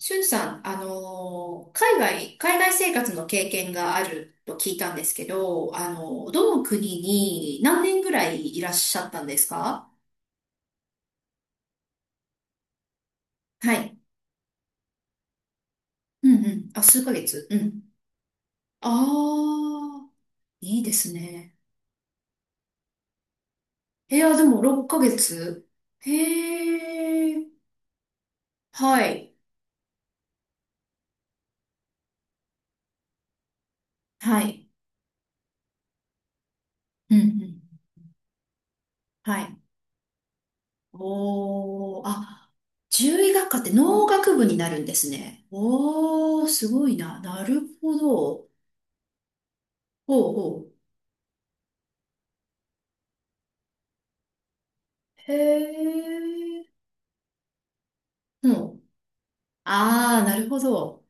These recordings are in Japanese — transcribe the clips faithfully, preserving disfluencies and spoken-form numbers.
しゅんさん、あの海外、海外生活の経験があると聞いたんですけど、あのどの国に何年ぐらいいらっしゃったんですか？はい。うんうん。あ、数ヶ月。うん。ああ、いいですね。いや、でもろっかげつ。へえ。はい。はい。うんうん。はい。おー、あ、獣医学科って農学部になるんですね。おー、すごいな。なるほど。ほうほへえ。うん。ああ、なるほど。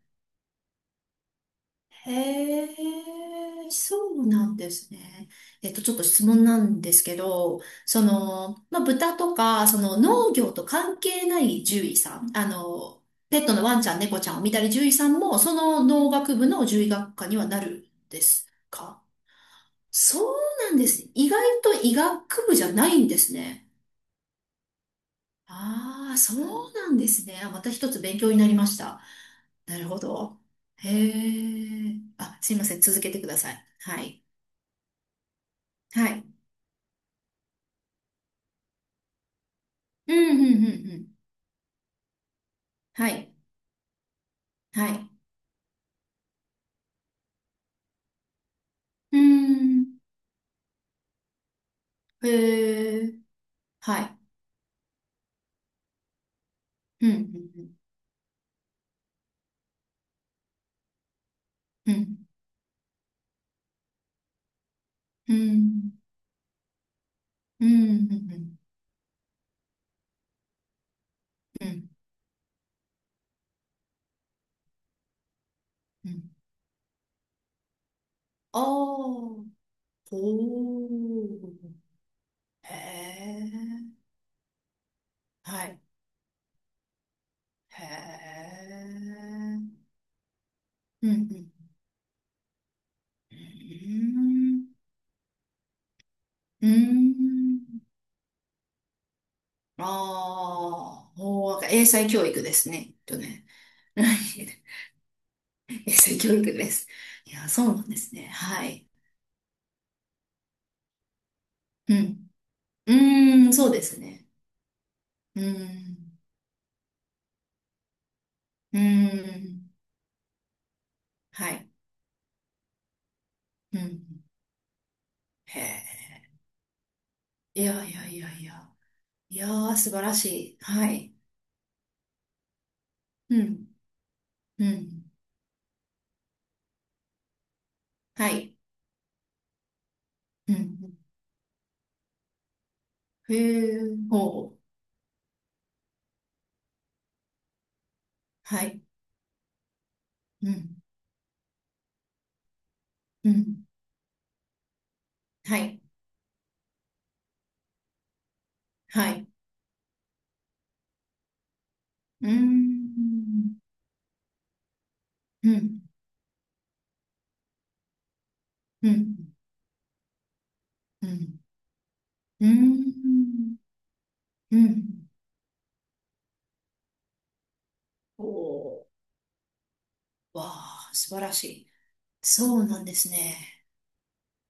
へえ、そうなんですね。えっと、ちょっと質問なんですけど、その、まあ、豚とか、その農業と関係ない獣医さん、あの、ペットのワンちゃん、猫ちゃんを見たり獣医さんも、その農学部の獣医学科にはなるんですか？そうなんです。意外と医学部じゃないんですね。ああ、そうなんですね。あ、また一つ勉強になりました。なるほど。へえ。あ、すいません。続けてください。はい。はい。うん、うん、うん、うん。はい。はい。うーん。へえ。はい。うん、うん、うん。うん。うん、うん、うん。うん、うん。うんああほう。へえ。はい。へえ。うん、うん。うーんうーん。ああ、もう、英才教育ですね。きっとね。英才教育です。いや、そうなんですね。はい。うん。うーん、そうですね。うーん。うーん。はい。うん。へえ。いやいやいやいや。いやー、素晴らしい。はい。うん。うん。はい。うん。へえ、ほう。はい。うん。うん。はい。はい。うーん。うん。うん。うん。うーん。うん。おー。わあ、素晴らしい。そうなんですね。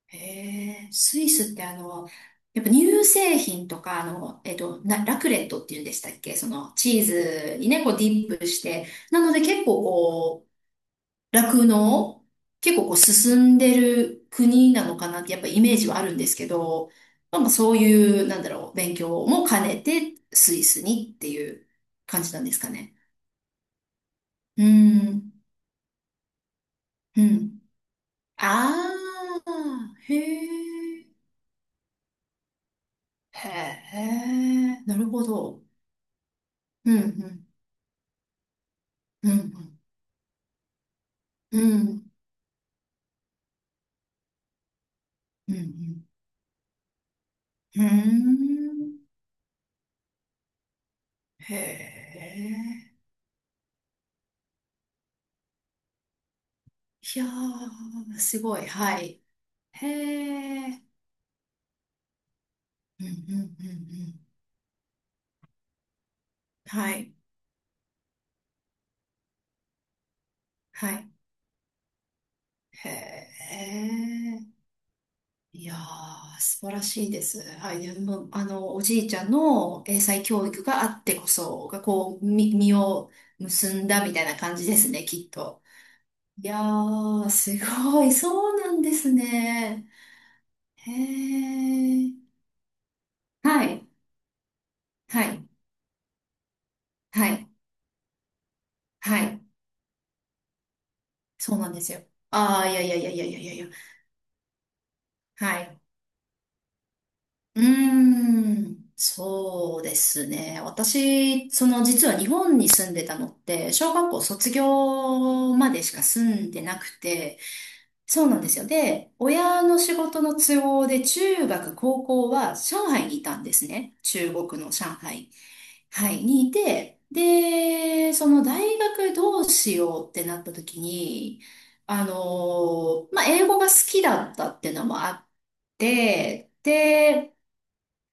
へえ、スイスってあの、やっぱ乳製品とか、あの、えっと、な、ラクレットっていうんでしたっけ、その、チーズにね、こうディップして。なので結構こう、酪農結構こう進んでる国なのかなってやっぱイメージはあるんですけど、まあまあそういう、なんだろう、勉強も兼ねてスイスにっていう感じなんですかね？うーん。うん。ああ、へえ、へえ、なるほど。うん、うん、うん、うん、うん、うん、うん、へえ、いやー、すごい、はい。へえ、うん、うん、うん、うん、はい、はい、へえ。いやー、素晴らしいです。はい。でもう、あの、おじいちゃんの英才教育があってこそ、がこう、み、実を結んだみたいな感じですね、きっと。いやー、すごい。そうなんですね。へー。はい。はい。はい。はい。そうなんですよ。あー、いやいやいやいやいやいや。はい。うーん、そうですね。私、その実は日本に住んでたのって、小学校卒業までしか住んでなくて、そうなんですよ。で、親の仕事の都合で中学、高校は上海にいたんですね。中国の上海。はい、にいて、で、その大学どうしようってなった時に、あの、まあ、英語が好きだったっていうのもあって、で、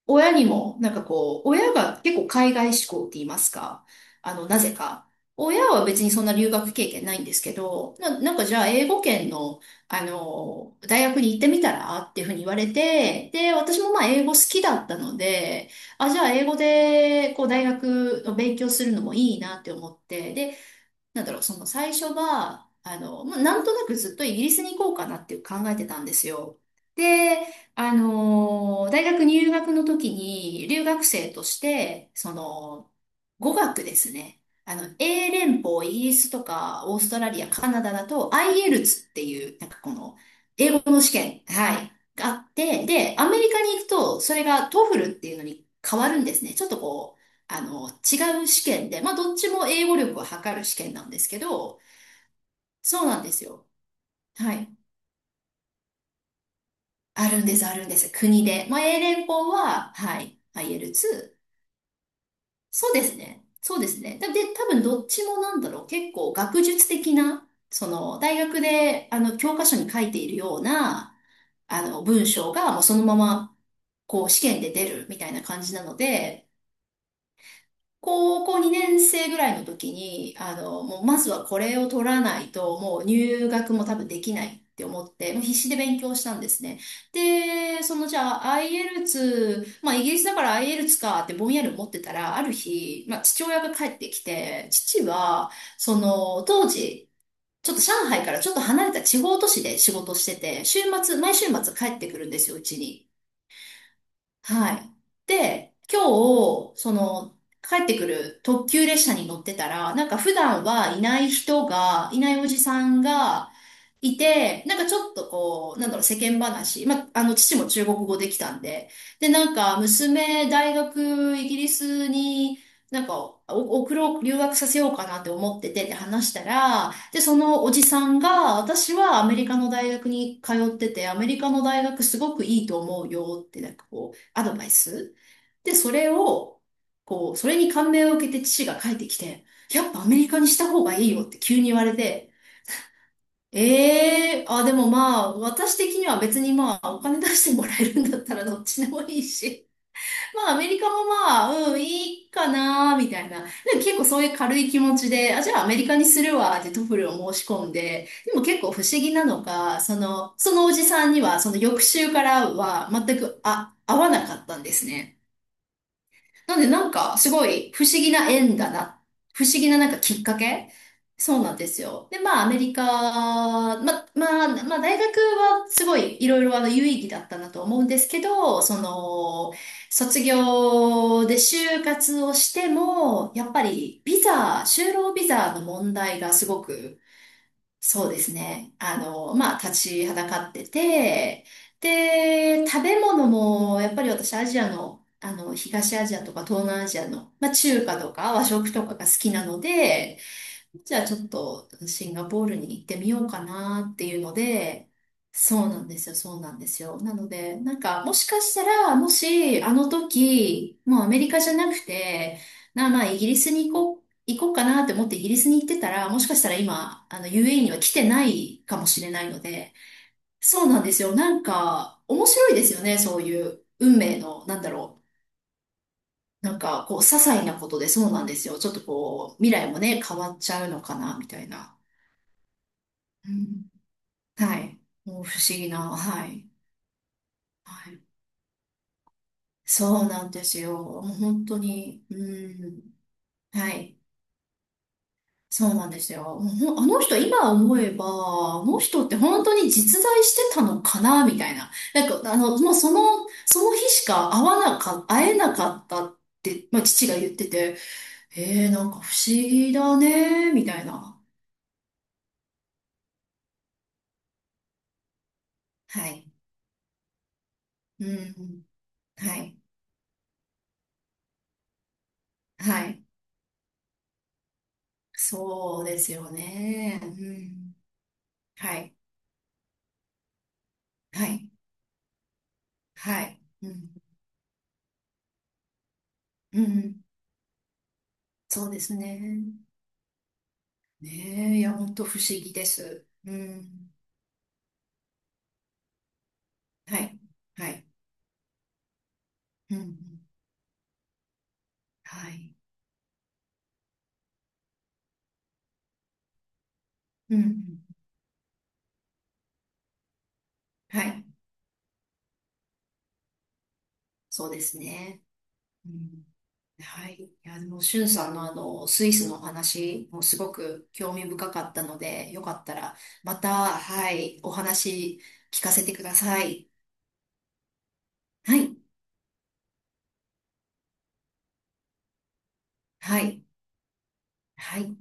親にも、なんかこう、親が結構海外志向って言いますか、あの、なぜか。親は別にそんな留学経験ないんですけど、な、なんかじゃあ英語圏の、あの、大学に行ってみたらっていうふうに言われて、で、私もまあ英語好きだったので、あ、じゃあ英語でこう大学を勉強するのもいいなって思って、で、なんだろう、その最初は、あの、まあ、なんとなくずっとイギリスに行こうかなっていう考えてたんですよ。で、あの、大学入学の時に留学生として、その、語学ですね。あの、英連邦、イギリスとか、オーストラリア、カナダだと、アイエルツ っていう、なんかこの、英語の試験、はい、があって、で、アメリカに行くと、それが TOEFL っていうのに変わるんですね。ちょっとこう、あの、違う試験で、まあ、どっちも英語力を測る試験なんですけど、そうなんですよ。はい。あるんです、あるんです。国で。まあ、英連邦は、はい、アイエルツ。そうですね。そうですね。で、で多分どっちもなんだろう。結構学術的な、その、大学で、あの、教科書に書いているような、あの、文章が、もうそのまま、こう、試験で出るみたいな感じなので、高校にねん生ぐらいの時に、あの、もうまずはこれを取らないと、もう入学も多分できないって思って、もう必死で勉強したんですね。で、そのじゃあ アイエルツ、まあイギリスだから アイエルツ かってぼんやり思ってたら、ある日、まあ父親が帰ってきて、父は、その当時、ちょっと上海からちょっと離れた地方都市で仕事してて、週末、毎週末帰ってくるんですよ、うちに。はい。で、今日、その、帰ってくる特急列車に乗ってたら、なんか普段はいない人が、いないおじさんがいて、なんかちょっとこう、なんだろう、世間話。まあ、あの、父も中国語できたんで。で、なんか、娘、大学、イギリスに、なんか、お送ろう、留学させようかなって思っててって話したら、で、そのおじさんが、私はアメリカの大学に通ってて、アメリカの大学すごくいいと思うよって、なんかこう、アドバイス。で、それを、こう、それに感銘を受けて父が帰ってきて、やっぱアメリカにした方がいいよって急に言われて、ええーあ、でもまあ、私的には別にまあ、お金出してもらえるんだったらどっちでもいいし、まあ、アメリカもまあ、うん、いいかな、みたいな。でも結構そういう軽い気持ちで、あ、じゃあアメリカにするわ、ってトフルを申し込んで、でも結構不思議なのが、その、そのおじさんには、その翌週からは全く、あ、合わなかったんですね。なんでなんかすごい不思議な縁だな。不思議ななんかきっかけそうなんですよ。で、まあアメリカ、ま、まあ、まあ大学はすごいいろいろあの有意義だったなと思うんですけど、その、卒業で就活をしても、やっぱりビザ、就労ビザの問題がすごくそうですね。あの、まあ、立ちはだかってて、で、食べ物も、やっぱり私、アジアの、あの、東アジアとか東南アジアの、まあ、中華とか和食とかが好きなので、じゃあちょっとシンガポールに行ってみようかなっていうので、そうなんですよ、そうなんですよ。なので、なんかもしかしたら、もしあの時、もうアメリカじゃなくて、なあまあイギリスに行こう、行こうかなって思ってイギリスに行ってたら、もしかしたら今、あの ユーエーイー には来てないかもしれないので、そうなんですよ。なんか面白いですよね、そういう運命の、なんだろう。なんかこう、些細なことでそうなんですよ。ちょっとこう、未来もね、変わっちゃうのかな、みたいな。うん、はい。もう不思議な、はい。はい。そうなんですよ。もう本当に、うん。はい。そうなんですよ。もうほんあの人、今思えば、あの人って本当に実在してたのかな、みたいな。なんか、あの、もうその、その日しか会わなか、会えなかったって、まあ、父が言ってて、えー、なんか不思議だね、みたいな。はい。うん。はい。はい。そうですよね。うん。はい。はい。はい。うん。うん。そうですね。ねえ、いや、本当不思議です。うん。はい。はい。うん。はい。うん。はい。そうですね。うん。はい。いや、でも、しゅんさんのあの、スイスのお話もすごく興味深かったので、よかったら、また、はい、お話聞かせてください。はい。はい。はい。